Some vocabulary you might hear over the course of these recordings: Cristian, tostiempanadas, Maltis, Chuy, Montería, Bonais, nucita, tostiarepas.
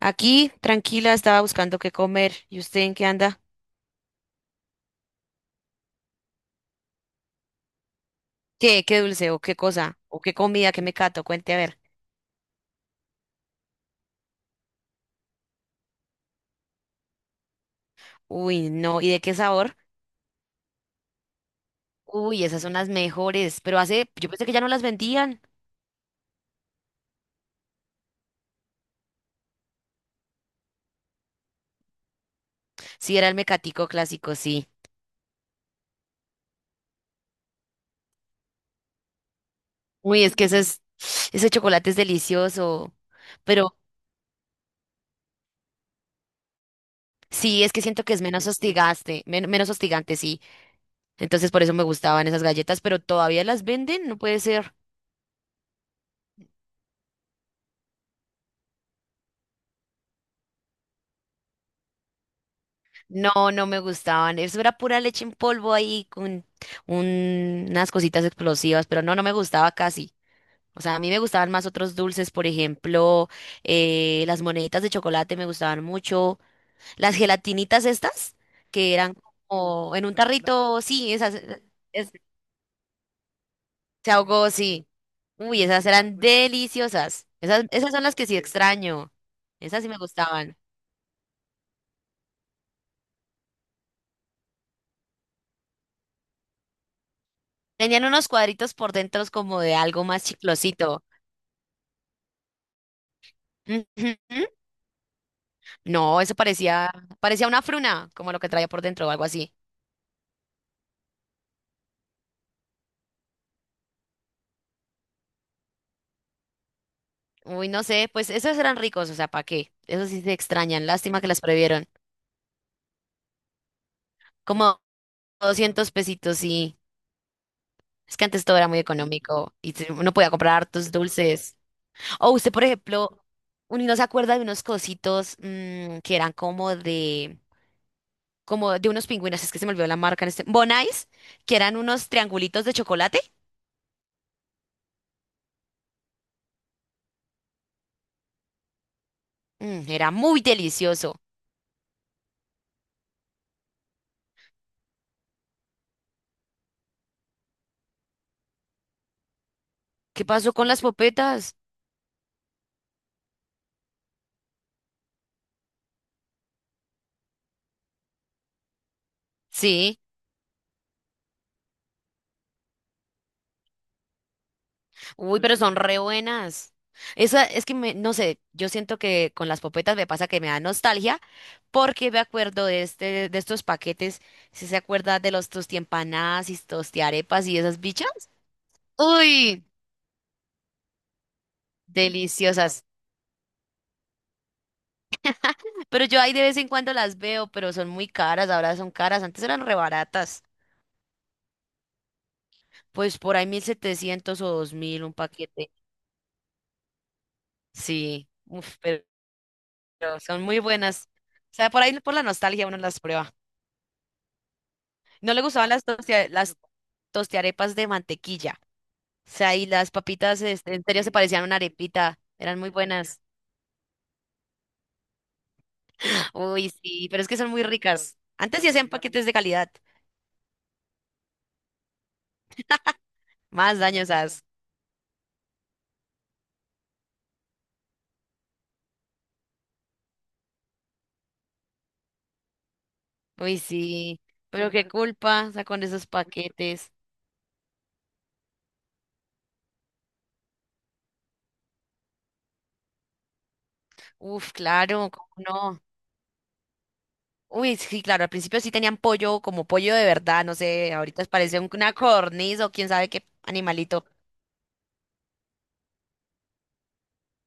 Aquí, tranquila, estaba buscando qué comer. ¿Y usted en qué anda? ¿Qué? ¿Qué dulce o qué cosa? ¿O qué comida? ¿Qué me cato? Cuente a ver. Uy, no. ¿Y de qué sabor? Uy, esas son las mejores. Pero hace, yo pensé que ya no las vendían. Sí, era el mecatico clásico, sí. Uy, es que ese chocolate es delicioso. Pero sí, es que siento que es menos hostigaste, menos hostigante, sí. Entonces por eso me gustaban esas galletas, pero todavía las venden, no puede ser. No, no me gustaban. Eso era pura leche en polvo ahí con unas cositas explosivas, pero no, no me gustaba casi. O sea, a mí me gustaban más otros dulces, por ejemplo, las moneditas de chocolate me gustaban mucho. Las gelatinitas estas, que eran como en un tarrito, sí, esas, es- se ahogó, sí. Uy, esas eran deliciosas. Esas son las que sí extraño. Esas sí me gustaban. Tenían unos cuadritos por dentro como de algo más chiclosito. Ujú. No, eso parecía una fruna, como lo que traía por dentro o algo así. Uy, no sé, pues esos eran ricos, o sea, ¿para qué? Esos sí se extrañan, lástima que las previeron. Como 200 pesitos sí. Es que antes todo era muy económico y uno podía comprar hartos dulces. O usted, por ejemplo, uno no se acuerda de unos cositos que eran como de, unos pingüinos, es que se me olvidó la marca en este, Bonais, que eran unos triangulitos de chocolate. Mm, era muy delicioso. ¿Qué pasó con las popetas? Sí. Uy, pero son re buenas. Esa es que me, no sé, yo siento que con las popetas me pasa que me da nostalgia porque me acuerdo de este, de estos paquetes, ¿si se acuerda de los tostiempanadas y tostiarepas y esas bichas? Uy, deliciosas. Pero yo ahí de vez en cuando las veo, pero son muy caras, ahora son caras, antes eran re baratas. Pues por ahí 1.700 o 2.000 un paquete. Sí, uf, pero son muy buenas. O sea, por ahí por la nostalgia uno las prueba. No le gustaban las, las tostiarepas de mantequilla. O sea, y las papitas, este, en serio, se parecían a una arepita. Eran muy buenas. Uy, sí, pero es que son muy ricas. Antes sí hacían paquetes de calidad. Más dañosas. Uy, sí. Pero qué culpa, o sea, con esos paquetes. Uf, claro, cómo no. Uy, sí, claro, al principio sí tenían pollo, como pollo de verdad, no sé, ahorita parece una corniz o quién sabe qué animalito.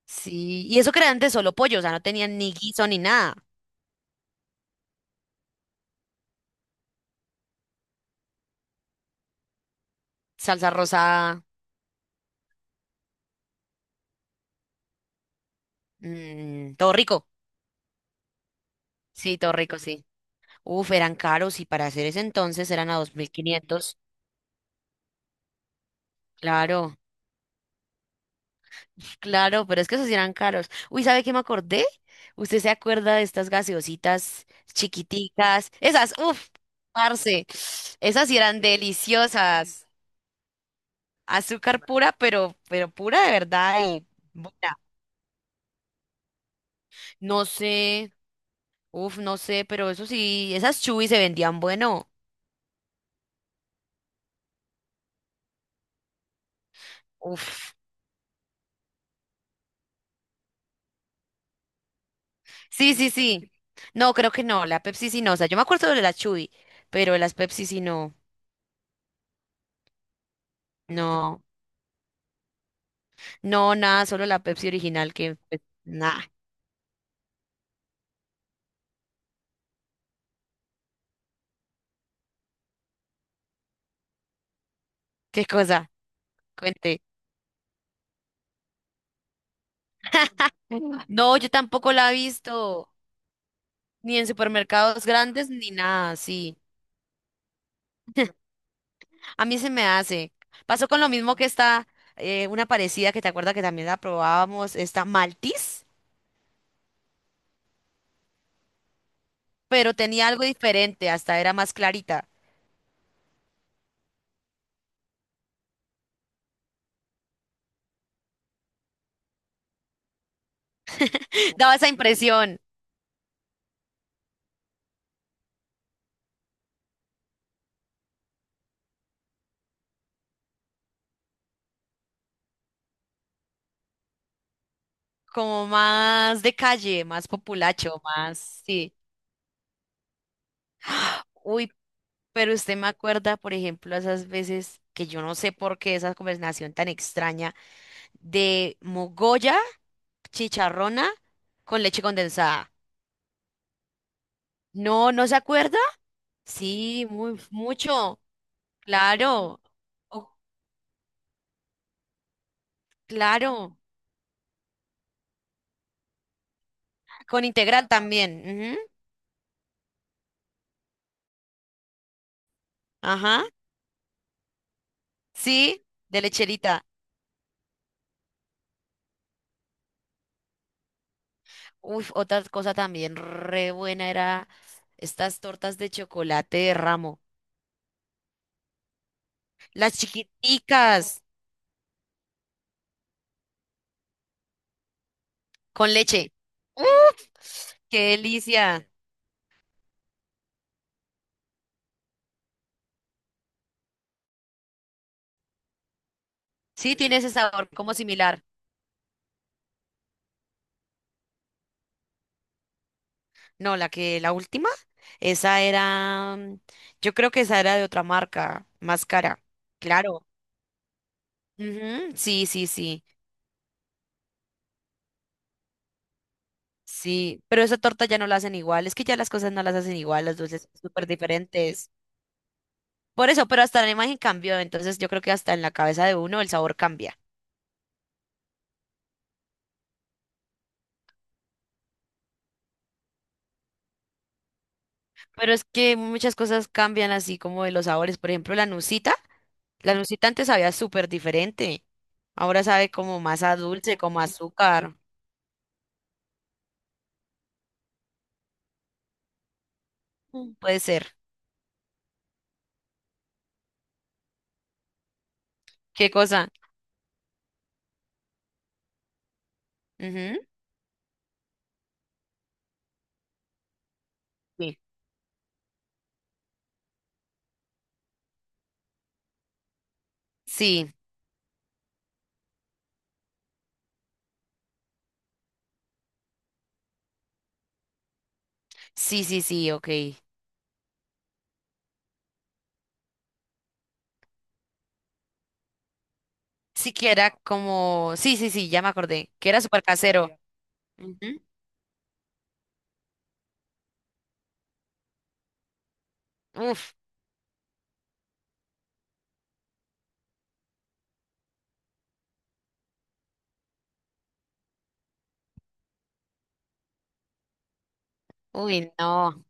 Sí, y eso que era antes solo pollo, o sea, no tenían ni guiso ni nada. Salsa rosada. Mm, todo rico. Sí, todo rico, sí. Uf, eran caros y para hacer ese entonces eran a 2.500. Claro, claro, pero es que esos sí eran caros. Uy, ¿sabe qué me acordé? ¿Usted se acuerda de estas gaseositas chiquiticas? Esas, uf, parce. Esas sí eran deliciosas. Azúcar pura, pero pura de verdad y buena. No sé, uf, no sé, pero eso sí, esas chubis se vendían bueno. Uf. Sí, sí, sí. No, creo que no, la Pepsi sí no. O sea, yo me acuerdo de la Chuy, pero de las Pepsi sí no. No, no, nada, solo la Pepsi original que, pues, nada, qué cosa, cuente. No, yo tampoco la he visto, ni en supermercados grandes, ni nada, sí. A mí se me hace. Pasó con lo mismo que esta, una parecida que te acuerdas que también la probábamos, esta Maltis, pero tenía algo diferente, hasta era más clarita. Daba esa impresión. Como más de calle, más populacho, más, sí. ¡Ah! Uy, pero usted me acuerda, por ejemplo, esas veces que yo no sé por qué esa conversación tan extraña de mogolla, chicharrona con leche condensada. No, ¿no se acuerda? Sí, muy, mucho, claro, o- claro, con integral también. Ujú. Ajá, sí, de lecherita. Uy, otra cosa también re buena era estas tortas de chocolate de ramo. Las chiquiticas con leche. ¡Uf! ¡Qué delicia! Sí, tiene ese sabor como similar. No, la última, esa era, yo creo que esa era de otra marca, más cara. Claro. Ujú, sí, sí, sí. Sí, pero esa torta ya no la hacen igual. Es que ya las cosas no las hacen igual, los dulces son súper diferentes. Por eso, pero hasta la imagen cambió. Entonces yo creo que hasta en la cabeza de uno el sabor cambia. Pero es que muchas cosas cambian así como de los sabores. Por ejemplo, la nucita. La nucita antes sabía súper diferente. Ahora sabe como más a dulce, como a azúcar. Mm, puede ser. ¿Qué cosa? Ujú. Sí. Sí, sí, sí, sí, ok. Sí que era como... Sí, sí, sí, ya me acordé. Que era súper casero. Ujú. Uf, uy, no.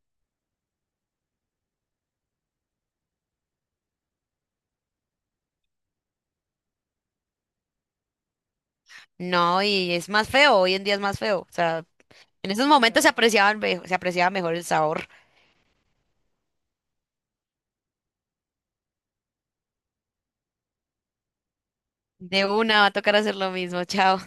No, y es más feo. Hoy en día es más feo. O sea, en esos momentos se apreciaba mejor el sabor. De una va a tocar hacer lo mismo. Chao.